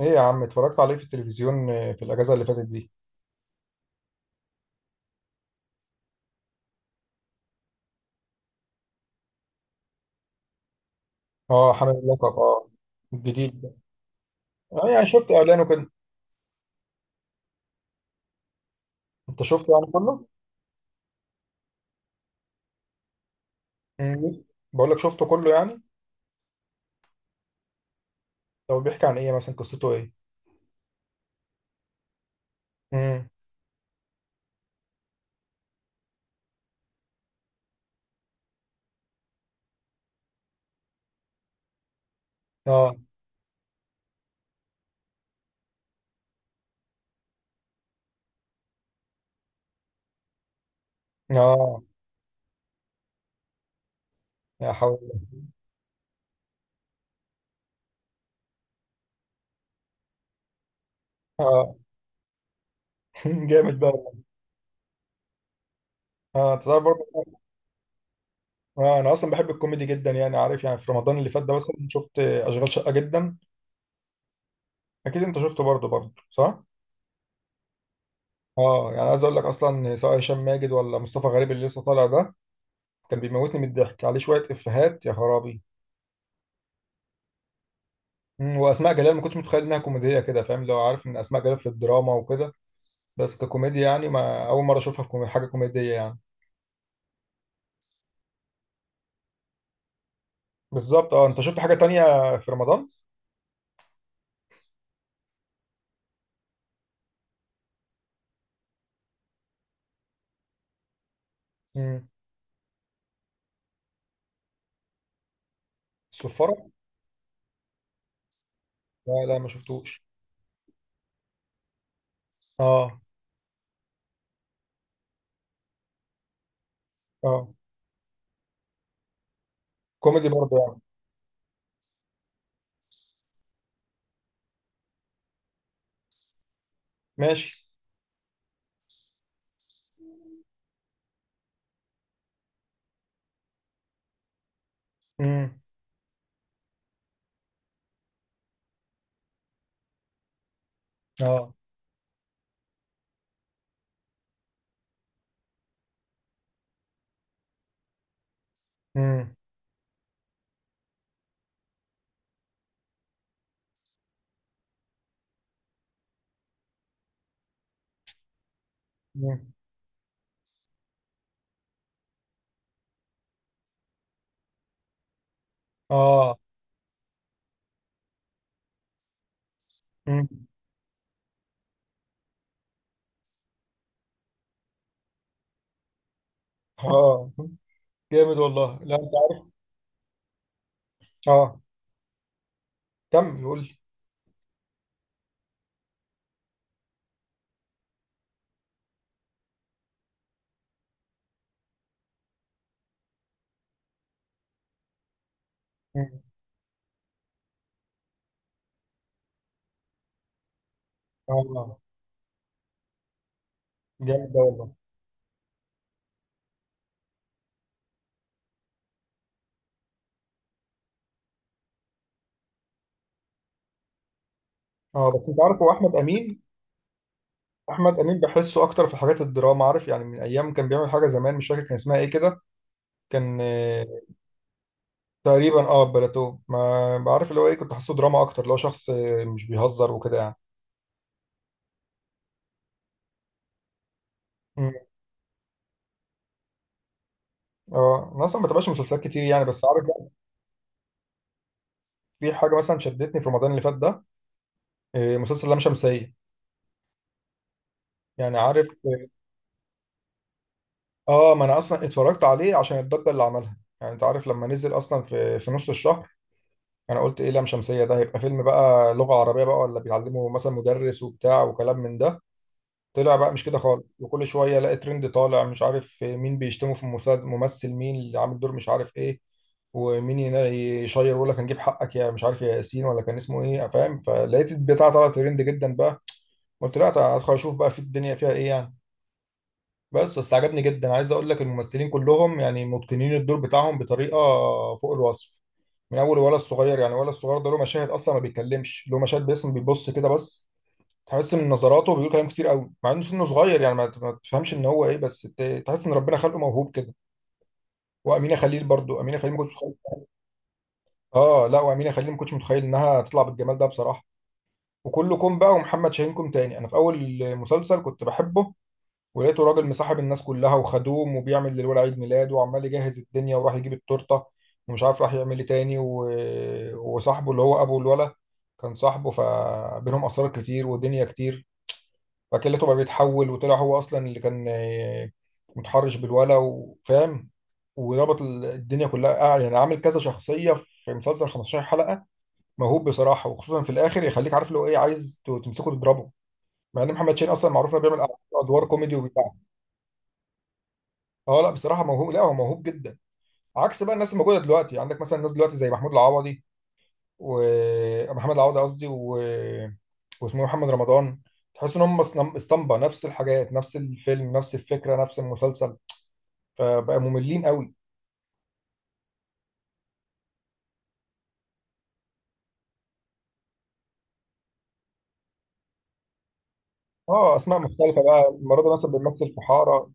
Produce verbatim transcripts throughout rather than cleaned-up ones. ايه يا عم، اتفرجت عليه في التلفزيون آه، في الاجازه اللي فاتت دي. اه، حامل اللقب اه، الجديد ده. اه يعني شفت اعلانه كده. انت شفته يعني كله. امم بقول لك شفته كله يعني. طب بيحكي عن ايه مثلا؟ قصته ايه؟ امم اه اه. يا حول الله. اه. جامد بقى والله. اه انت تعرف برضه. آه انا اصلا بحب الكوميدي جدا يعني، عارف يعني في رمضان اللي فات ده مثلا شفت آه، اشغال شقه جدا. اكيد انت شفته برضه برضه، صح؟ اه يعني عايز اقول لك، اصلا سواء هشام ماجد ولا مصطفى غريب اللي لسه طالع ده كان بيموتني من الضحك، عليه شويه افيهات يا خرابي. مم، واسماء جلال ما كنتش متخيل انها كوميديه كده، فاهم؟ لو عارف ان اسماء جلال في الدراما وكده، بس ككوميديا يعني ما اول مره اشوفها في كومي- حاجه كوميديه يعني. بالظبط. اه انت شفت حاجه تانية في رمضان؟ امم. الصفاره؟ لا لا، ما شفتوش. اه اه. كوميدي برضه يعني. ماشي. امم. اه. امم. امم. اه. امم. اه جامد والله. لا انت عارف. اه كمل قول لي. مم. اه جامد ده والله. اه بس انت عارف هو احمد امين، احمد امين بحسه اكتر في حاجات الدراما، عارف يعني من ايام كان بيعمل حاجه زمان مش فاكر كان اسمها ايه كده. كان آه، تقريبا اه بلاتو، ما بعرف اللي هو ايه، كنت حاسه دراما اكتر اللي هو شخص آه، مش بيهزر وكده يعني. مم. اه انا اصلا ما بتابعش مسلسلات كتير يعني، بس عارف بقى. في حاجه مثلا شدتني في رمضان اللي فات ده، آه، مسلسل لام شمسيه، يعني عارف. اه آه، ما انا اصلا اتفرجت عليه عشان الضجه اللي عملها، يعني انت عارف لما نزل اصلا في في نص الشهر. انا قلت ايه لام شمسيه ده؟ هيبقى فيلم بقى لغه عربيه بقى، ولا بيعلمه مثلا مدرس وبتاع وكلام من ده. طلع بقى مش كده خالص، وكل شويه الاقي ترند طالع، مش عارف مين بيشتمه في المسلسل، ممثل مين اللي عامل دور مش عارف ايه، ومين هنا يشير يقول لك هنجيب حقك يا مش عارف يا ياسين ولا كان اسمه ايه، فاهم؟ فلقيت البتاع طلع ترند جدا بقى، قلت لا ادخل اشوف بقى في الدنيا فيها ايه يعني. بس بس عجبني جدا. عايز اقول لك الممثلين كلهم يعني متقنين الدور بتاعهم بطريقه فوق الوصف. من اول ولا الصغير يعني، ولا الصغير ده له مشاهد اصلا ما بيتكلمش، له مشاهد باسم بيبص كده بس، تحس من نظراته بيقول كلام كتير قوي، مع انه سنه صغير يعني ما ما تفهمش ان هو ايه، بس ت- تحس ان ربنا خلقه موهوب كده. وامينه خليل برضو، امينه خليل ما كنتش متخيل. اه لا، وامينه خليل ما كنتش متخيل انها تطلع بالجمال ده بصراحه. وكلكم بقى، ومحمد شاهين كوم تاني، انا في اول مسلسل كنت بحبه، ولقيته راجل مصاحب الناس كلها وخدوم، وبيعمل للولد عيد ميلاد، وعمال يجهز الدنيا وراح يجيب التورته ومش عارف راح يعمل ايه تاني و... وصاحبه اللي هو ابو الولد كان صاحبه، فبينهم اسرار كتير ودنيا كتير، فاكلته بقى بيتحول، وطلع هو اصلا اللي كان آه، متحرش بالولا، وفاهم وربط ال- الدنيا كلها، آه، يعني عامل كذا شخصيه في مسلسل خمسة عشر حلقه. موهوب بصراحه، وخصوصا في الاخر يخليك عارف لو ايه عايز ت- تمسكه تضربه، مع ان محمد شين اصلا معروف انه بيعمل ادوار كوميدي وبتاع. اه لا بصراحه موهوب، لا هو موهوب جدا، عكس بقى الناس الموجوده دلوقتي. عندك مثلا ناس دلوقتي زي محمود العوضي، ومحمد العوضي قصدي، و... واسمه إيه، محمد رمضان. تحس ان هم اسطم- اسطمبة، نفس الحاجات، نفس الفيلم، نفس الفكرة، نفس المسلسل، فبقى مملين قوي. اه، اسماء مختلفة بقى، المرة دي مثلا بنمثل في حارة،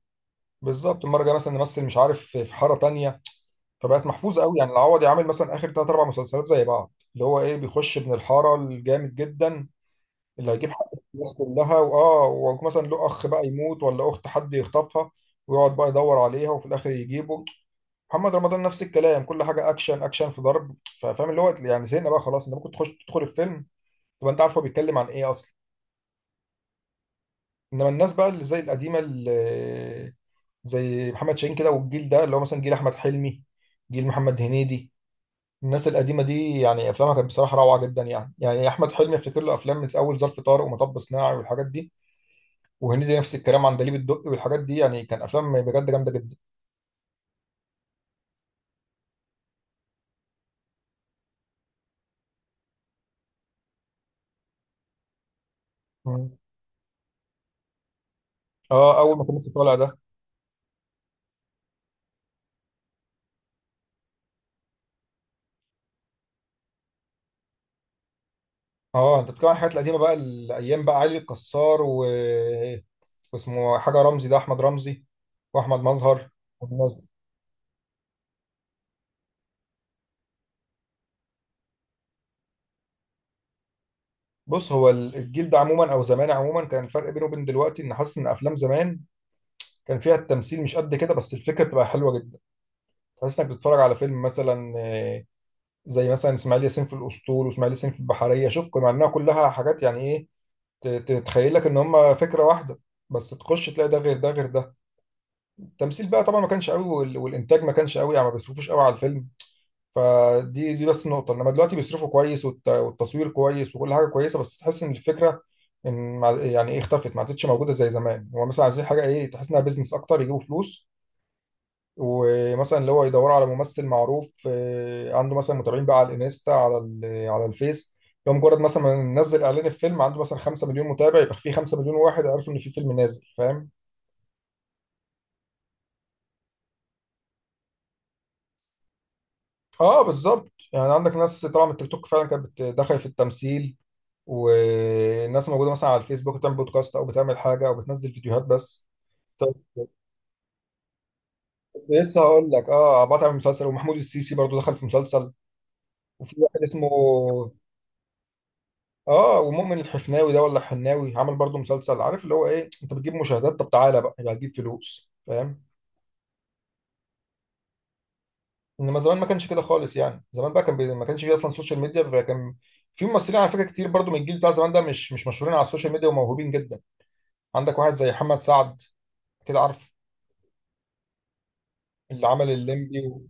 بالظبط. المرة الجاية مثلا نمثل مش عارف في في حارة تانية، فبقت محفوظة قوي يعني. العوضي عامل مثلا اخر ثلاث اربع مسلسلات زي بعض، اللي هو ايه، بيخش ابن الحارة الجامد جدا اللي هيجيب حق الناس كلها، واه ومثلا له اخ بقى يموت ولا اخت حد يخطفها، ويقعد بقى يدور عليها وفي الاخر يجيبه. محمد رمضان نفس الكلام، كل حاجه اكشن اكشن، في ضرب، ف- فاهم اللي هو يعني زهقنا بقى خلاص. انت ممكن تخش تدخل الفيلم تبقى انت عارف هو بيتكلم عن ايه اصلا. انما الناس بقى اللي زي القديمه اللي زي محمد شاهين كده، والجيل ده اللي هو مثلا جيل احمد حلمي، جيل محمد هنيدي، الناس القديمه دي يعني افلامها كانت بصراحه روعه جدا يعني. يعني احمد حلمي افتكر له افلام من اول ظرف طارق، ومطب صناعي، والحاجات دي. وهنيدي نفس الكلام، عندليب الدقي والحاجات دي يعني، كان افلام بجد جامده جدا. مم. اه اول ما كان لسه طالع ده. اه انت بتتكلم عن الحاجات القديمه بقى، الايام بقى علي الكسار و... واسمه حاجه رمزي ده، احمد رمزي، واحمد مظهر والناس. بص، هو ال- الجيل ده عموما، او زمان عموما، كان الفرق بينه وبين دلوقتي ان حاسس ان افلام زمان كان فيها التمثيل مش قد كده، بس الفكره بتبقى حلوه جدا، تحس انك بتتفرج على فيلم مثلا. آه، زي مثلا اسماعيل ياسين في الاسطول، واسماعيل ياسين في البحريه، شوف مع انها كلها حاجات يعني ايه ت- ت- تتخيل لك ان هم فكره واحده، بس تخش تلاقي ده غير ده غير ده. التمثيل بقى طبعا ما كانش قوي وال- والانتاج ما كانش قوي يعني، ما بيصرفوش قوي على الفيلم، فدي دي بس النقطه. انما دلوقتي بيصرفوا كويس، والت- والتصوير كويس، وكل حاجه كويسه، بس تحس ان الفكره ان مع- يعني ايه اختفت، ما عادتش موجوده زي زمان. هو مثلا عايزين حاجه ايه، تحس انها بيزنس اكتر، يجيبوا فلوس، ومثلا اللي هو يدوروا على ممثل معروف آه، عنده مثلا متابعين بقى على الانستا، على ال- على الفيس، لو مجرد مثلا ما نزل اعلان الفيلم عنده مثلا خمسة مليون متابع، يبقى في خمسة مليون واحد عرفوا ان في فيلم نازل، فاهم. اه بالظبط، يعني عندك ناس طبعا من التيك توك فعلا كانت بت- دخلت في التمثيل، والناس موجوده مثلا على الفيسبوك بتعمل بودكاست، او بتعمل حاجه، او بتنزل فيديوهات بس. طب كنت لسه هقول لك، اه عباطة عمل مسلسل، ومحمود السيسي برضو دخل في مسلسل، وفي واحد اسمه اه ومؤمن الحفناوي ده ولا الحناوي عمل برضو مسلسل، عارف اللي هو ايه، انت بتجيب مشاهدات، طب تعالى بقى يبقى هتجيب فلوس، فاهم. انما زمان ما كانش كده خالص يعني، زمان بقى كان بي... ما كانش فيه اصلا سوشيال ميديا، فكان في ممثلين على فكره كتير برضو من الجيل بتاع زمان ده مش مش مشهورين على السوشيال ميديا وموهوبين جدا. عندك واحد زي محمد سعد كده، عارف اللي عمل الليمبي و...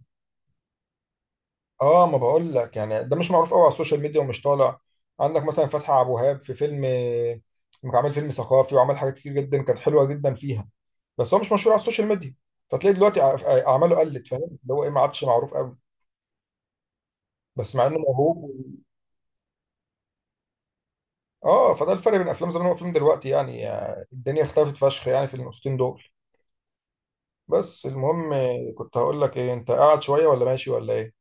اه ما بقول لك يعني، ده مش معروف قوي على السوشيال ميديا ومش طالع. عندك مثلا فتحي عبد الوهاب في فيلم، كان عامل فيلم ثقافي، وعمل حاجات كتير جدا كانت حلوه جدا فيها، بس هو مش مشهور على السوشيال ميديا، فتلاقي دلوقتي أع- اعماله قلت، فاهم اللي هو ايه، ما عادش معروف قوي، بس مع انه موهوب و... اه فده الفرق بين افلام زمان وافلام دلوقتي يعني. آه، الدنيا اختلفت فشخ يعني في النقطتين دول. بس المهم آه، كنت هقول لك ايه، انت قاعد شويه ولا ماشي ولا ايه؟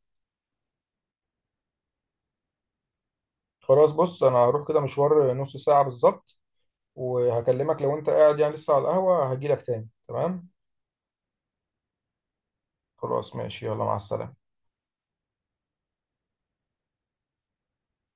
خلاص بص، انا هروح كده مشوار نص ساعة بالظبط، وهكلمك لو انت قاعد يعني لسه على القهوة هجيلك تاني، تمام؟ خلاص ماشي يلا، مع السلامة.